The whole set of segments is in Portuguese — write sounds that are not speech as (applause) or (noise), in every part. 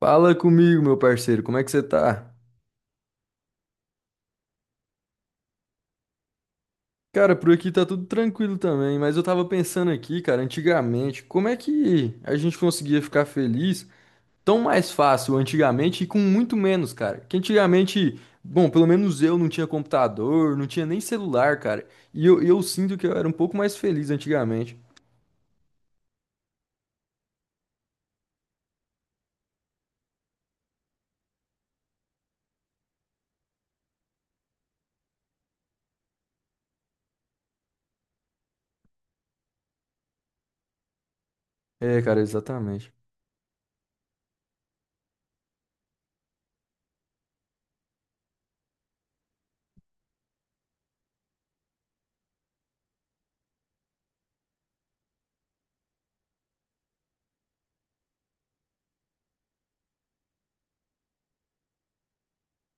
Fala comigo, meu parceiro, como é que você tá? Cara, por aqui tá tudo tranquilo também, mas eu tava pensando aqui, cara, antigamente, como é que a gente conseguia ficar feliz tão mais fácil antigamente e com muito menos, cara? Que antigamente, bom, pelo menos eu não tinha computador, não tinha nem celular, cara, e eu sinto que eu era um pouco mais feliz antigamente. É, cara, exatamente.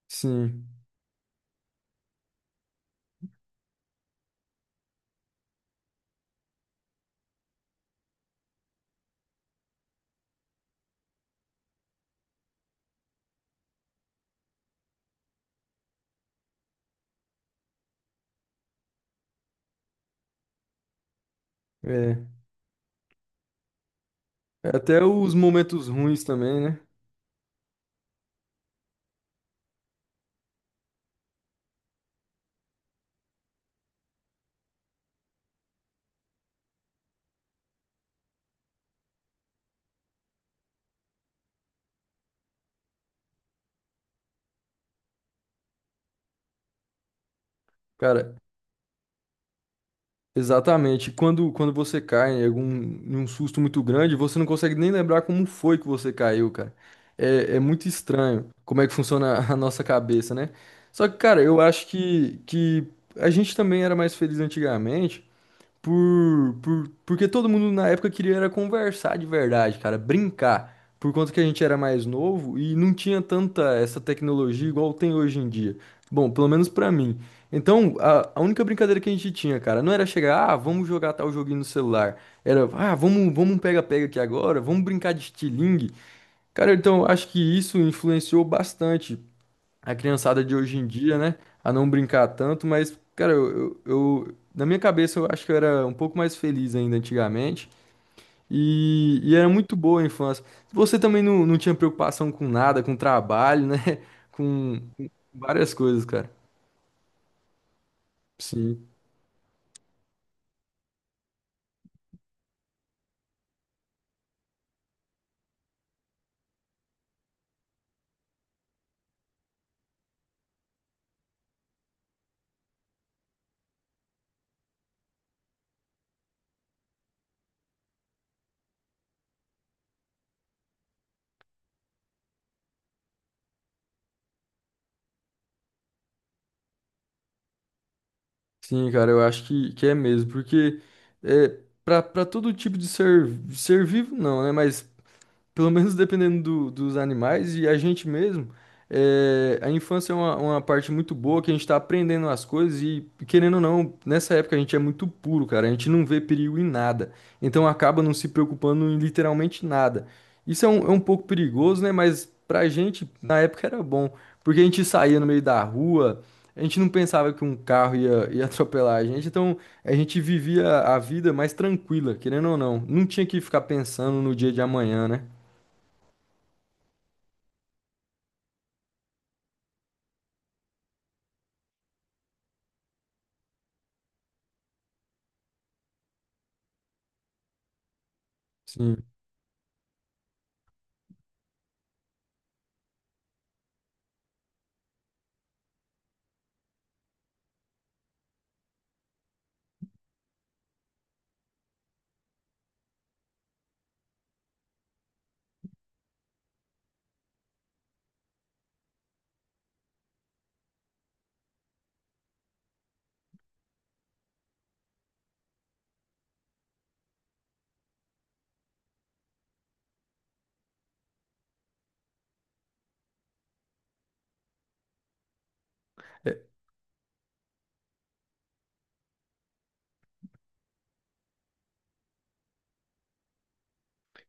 Sim, é. É, até os momentos ruins também, né? Cara, exatamente. Quando você cai em algum, em um susto muito grande, você não consegue nem lembrar como foi que você caiu, cara. É, é muito estranho como é que funciona a nossa cabeça, né? Só que, cara, eu acho que a gente também era mais feliz antigamente, porque todo mundo na época queria era conversar de verdade, cara, brincar. Por conta que a gente era mais novo e não tinha tanta essa tecnologia igual tem hoje em dia. Bom, pelo menos pra mim. Então, a única brincadeira que a gente tinha, cara, não era chegar, ah, vamos jogar tal joguinho no celular. Era, ah, vamos, vamos um pega-pega aqui agora, vamos brincar de estilingue. Cara, então acho que isso influenciou bastante a criançada de hoje em dia, né? A não brincar tanto, mas, cara, na minha cabeça eu acho que eu era um pouco mais feliz ainda antigamente. E era muito boa a infância. Você também não tinha preocupação com nada, com trabalho, né? (laughs) Com várias coisas, cara. Sim, sim, cara, eu acho que é mesmo, porque é, para todo tipo de ser, ser vivo, não, né? Mas pelo menos dependendo do- dos animais e a gente mesmo, é, a infância é uma parte muito boa que a gente tá aprendendo as coisas e, querendo ou não, nessa época a gente é muito puro, cara. A gente não vê perigo em nada. Então acaba não se preocupando em literalmente nada. Isso é um pouco perigoso, né? Mas pra gente, na época era bom, porque a gente saía no meio da rua. A gente não pensava que um carro ia (laughs) atropelar a gente, então a gente vivia a vida mais tranquila, querendo ou não. Não tinha que ficar pensando no dia de amanhã, né? Sim. É,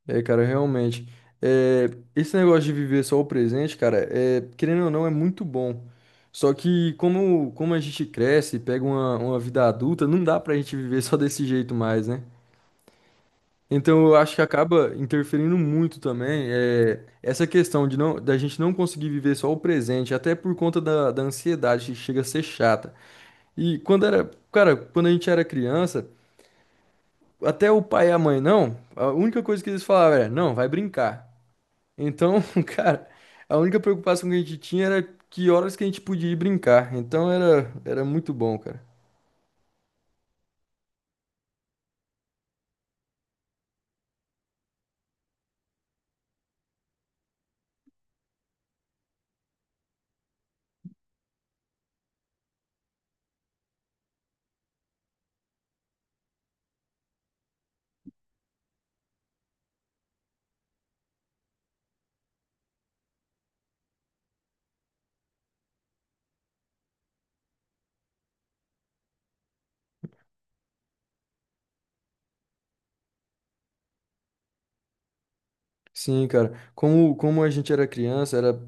é, cara, realmente. É, esse negócio de viver só o presente, cara, é, querendo ou não, é muito bom. Só que como a gente cresce e pega uma vida adulta, não dá pra gente viver (laughs) só desse jeito mais, né? Então eu acho que acaba interferindo muito também é, essa questão de não, da gente não conseguir viver só o presente, até por conta da, da ansiedade que chega a ser chata. E quando era, cara, quando a gente era criança, até o pai e a mãe não, a única coisa que eles falavam era, não, vai brincar. Então, (laughs) cara, a única preocupação que a gente tinha era que horas que a gente podia ir brincar. Então era, era muito bom, cara. Sim, cara. Como a gente era criança, era,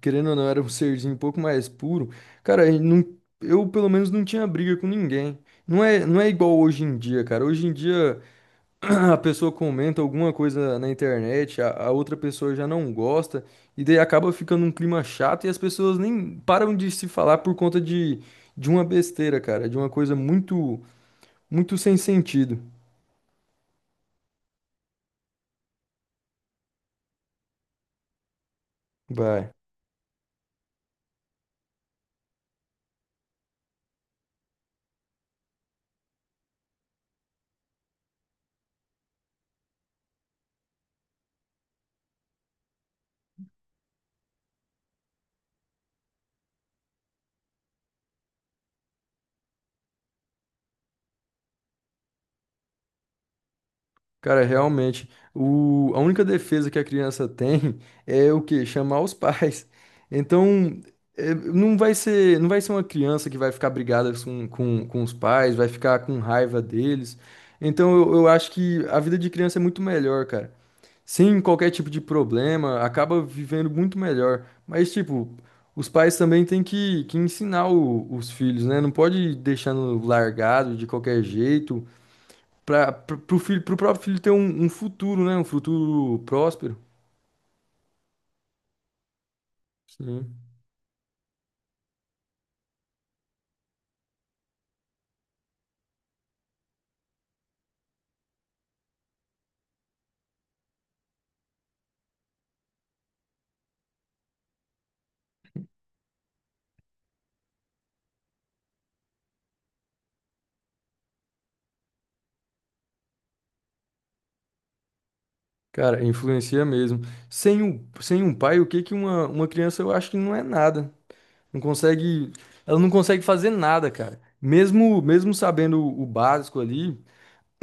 querendo ou não, era um (laughs) serzinho um pouco mais puro. Cara, a não, eu pelo menos não tinha briga com ninguém. Não é igual hoje em dia, cara. Hoje em dia (clears throat) a pessoa comenta alguma coisa na internet, a outra pessoa já não gosta, e daí acaba ficando um clima chato e as pessoas nem param de se falar por conta de uma besteira, cara, de uma coisa muito, muito sem sentido. Vai. Cara, realmente, o, a única defesa que a criança tem é o quê? Chamar os pais. Então, é, não vai ser uma criança que vai ficar brigada com os pais, vai ficar com raiva deles. Então, eu acho que a vida de criança é muito melhor, cara. Sem qualquer tipo de problema, acaba vivendo muito melhor. Mas, tipo, os pais também têm que ensinar o- os filhos, né? Não pode deixando largado de qualquer jeito para pro filho, pro próprio filho ter um, um futuro, né? Um futuro próspero. Sim. Cara, influencia mesmo. Sem um pai, o que que uma criança, eu acho que não é nada. Não consegue, ela não consegue fazer nada, cara. Mesmo, mesmo sabendo o básico ali,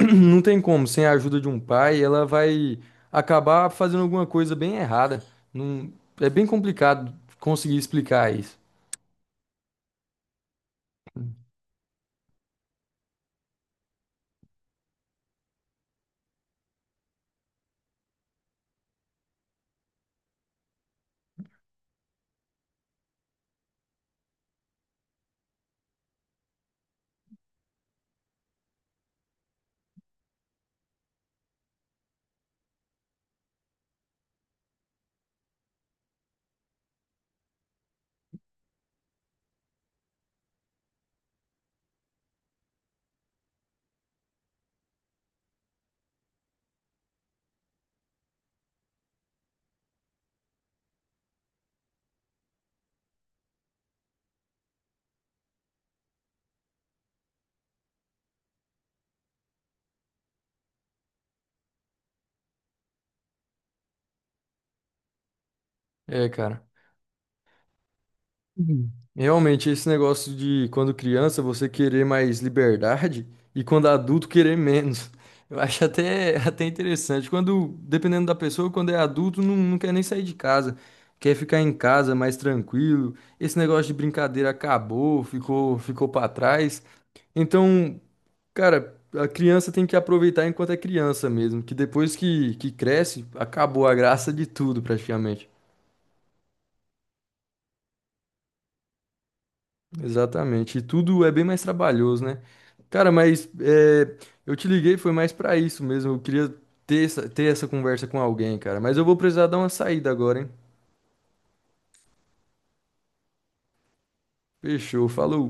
(clears throat) não tem como. Sem a ajuda de um pai, ela vai acabar fazendo alguma coisa bem errada. Não, é bem complicado conseguir explicar isso. É, cara. Uhum. Realmente, esse negócio de quando criança você querer mais liberdade e quando adulto querer menos. (laughs) Eu acho até, (laughs) até interessante. Quando, dependendo da pessoa, quando é adulto, não quer nem sair de casa. Quer ficar em casa mais tranquilo. Esse negócio de brincadeira acabou, ficou para trás. Então, cara, a criança tem que aproveitar enquanto é criança mesmo, que depois que cresce, acabou a graça de tudo praticamente. Exatamente. E tudo é bem mais trabalhoso, né? Cara, mas é, eu te liguei, foi mais pra isso mesmo. Eu queria ter essa conversa com alguém, cara. Mas eu vou precisar dar uma saída agora, hein? Fechou, falou.